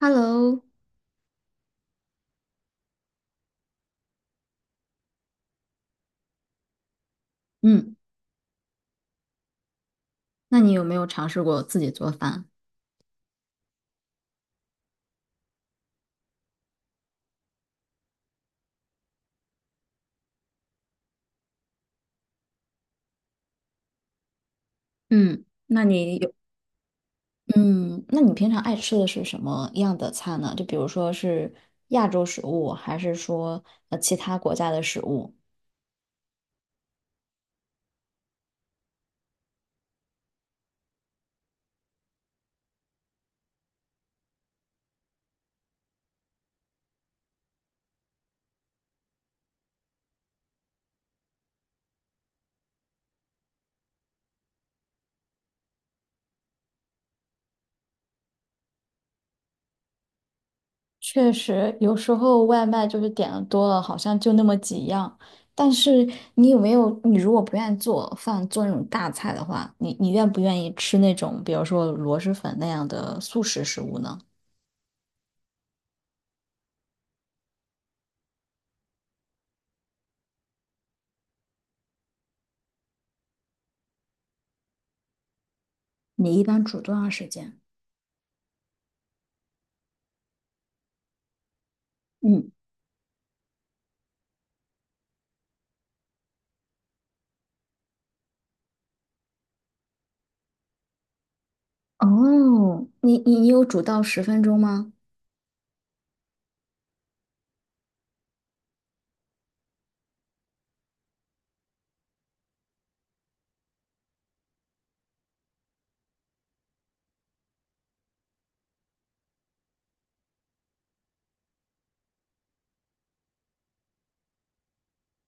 Hello，嗯，那你有没有尝试过自己做饭？嗯，那你有，嗯，那你平常爱吃的是什么样的菜呢？就比如说是亚洲食物，还是说其他国家的食物？确实有时候外卖就是点的多了，好像就那么几样。但是你有没有，你如果不愿意做饭，做那种大菜的话，你愿不愿意吃那种，比如说螺蛳粉那样的速食食物呢？你一般煮多长时间？嗯。哦，你有煮到10分钟吗？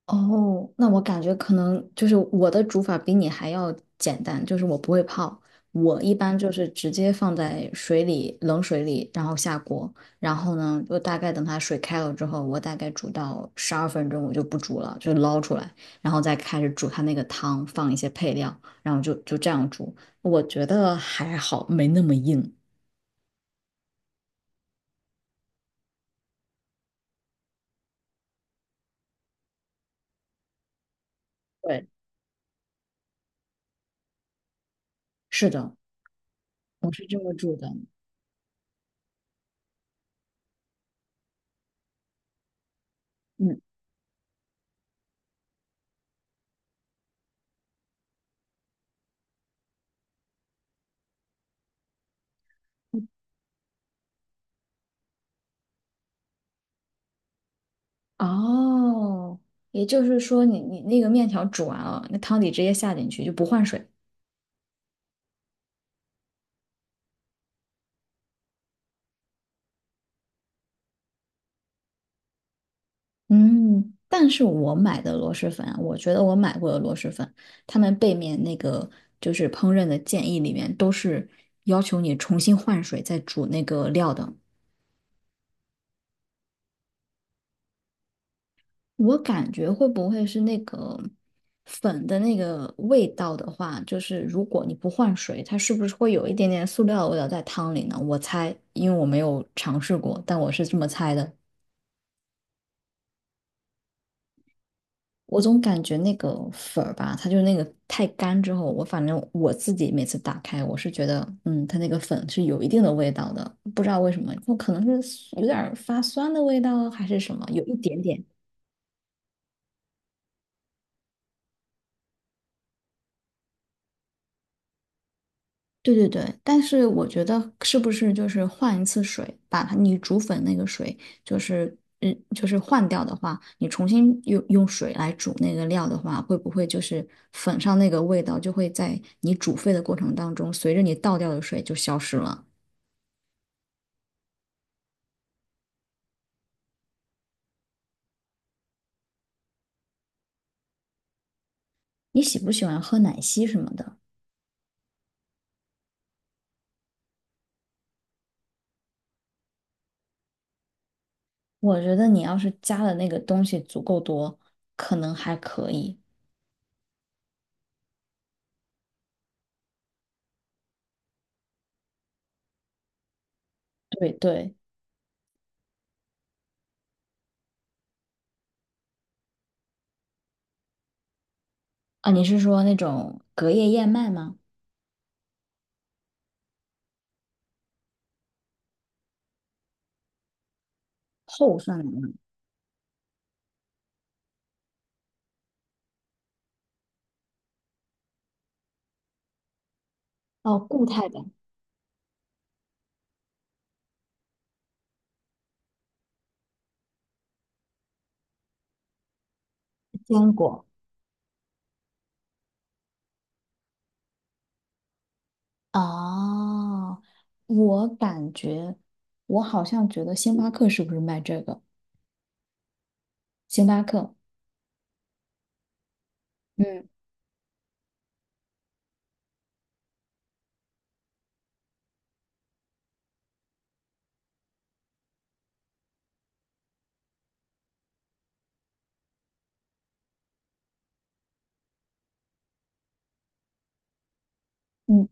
哦，那我感觉可能就是我的煮法比你还要简单，就是我不会泡，我一般就是直接放在水里，冷水里，然后下锅，然后呢，就大概等它水开了之后，我大概煮到12分钟，我就不煮了，就捞出来，然后再开始煮它那个汤，放一些配料，然后就这样煮，我觉得还好，没那么硬。对，是的，我是这么煮的。嗯。哦，也就是说你那个面条煮完了，那汤底直接下进去就不换水。嗯，但是我买的螺蛳粉啊，我觉得我买过的螺蛳粉，他们背面那个就是烹饪的建议里面都是要求你重新换水再煮那个料的。我感觉会不会是那个粉的那个味道的话，就是如果你不换水，它是不是会有一点点塑料的味道在汤里呢？我猜，因为我没有尝试过，但我是这么猜的。我总感觉那个粉儿吧，它就是那个太干之后，我反正我自己每次打开，我是觉得，它那个粉是有一定的味道的，不知道为什么，我可能是有点儿发酸的味道还是什么，有一点点。对对对，但是我觉得是不是就是换一次水，把它你煮粉那个水，就是就是换掉的话，你重新用水来煮那个料的话，会不会就是粉上那个味道就会在你煮沸的过程当中，随着你倒掉的水就消失了？你喜不喜欢喝奶昔什么的？我觉得你要是加的那个东西足够多，可能还可以。对对，啊，你是说那种隔夜燕麦吗？厚算奶吗？哦，固态的坚果。哦，我感觉，我好像觉得星巴克是不是卖这个？星巴克，嗯嗯，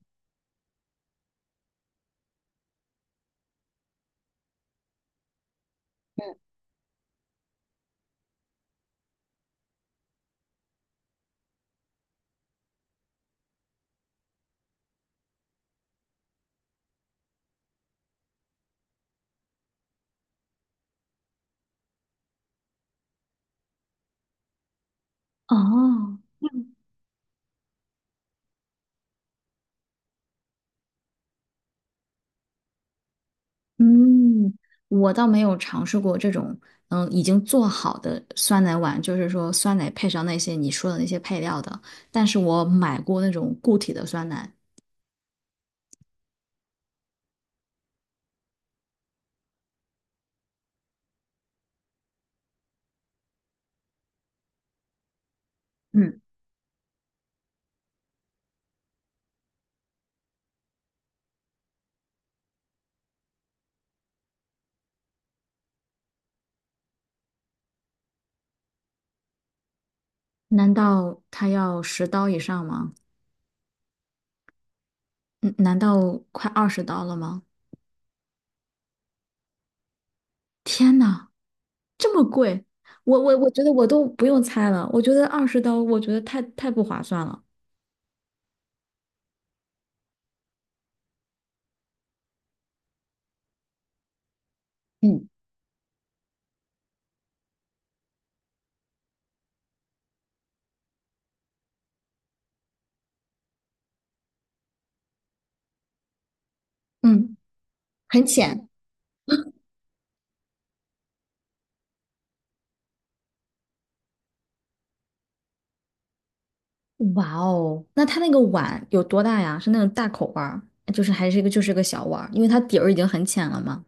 哦，嗯，我倒没有尝试过这种，已经做好的酸奶碗，就是说酸奶配上那些你说的那些配料的。但是我买过那种固体的酸奶，嗯，难道它要十刀以上吗？嗯，难道快二十刀了吗？天呐，这么贵！我觉得我都不用猜了，我觉得二十刀，我觉得太不划算了。嗯，嗯，很浅。哇哦，那它那个碗有多大呀？是那种大口碗儿，就是还是一个就是个小碗儿，因为它底儿已经很浅了嘛。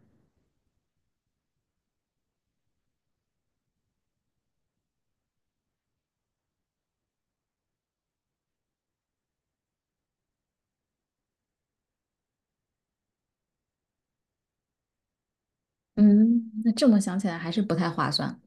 嗯，那这么想起来还是不太划算。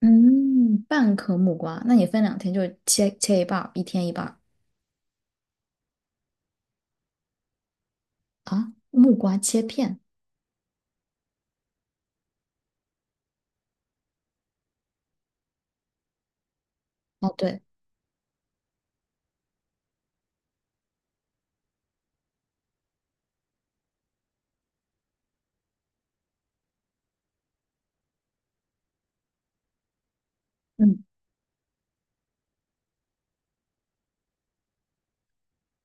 嗯，半颗木瓜，那你分2天就切一半儿，一天一半儿啊。木瓜切片，哦对，嗯，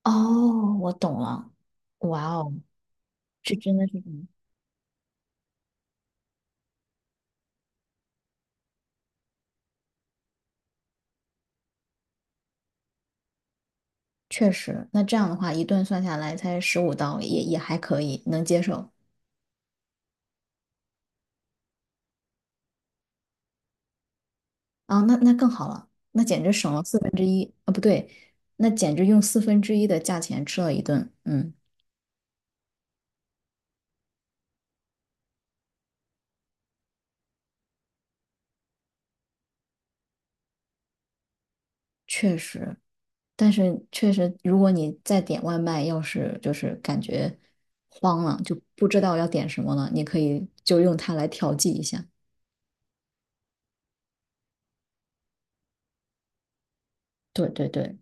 哦，我懂了。哇哦，是真的是这样确实，那这样的话一顿算下来才15刀，也还可以，能接受。啊，那更好了，那简直省了四分之一啊，不对，那简直用四分之一的价钱吃了一顿，嗯，确实，但是确实，如果你再点外卖，要是就是感觉慌了，就不知道要点什么了，你可以就用它来调剂一下。对对对，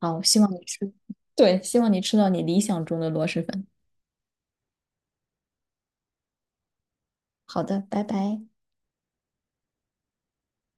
好，希望你吃，对，希望你吃到你理想中的螺蛳粉。好的，拜拜。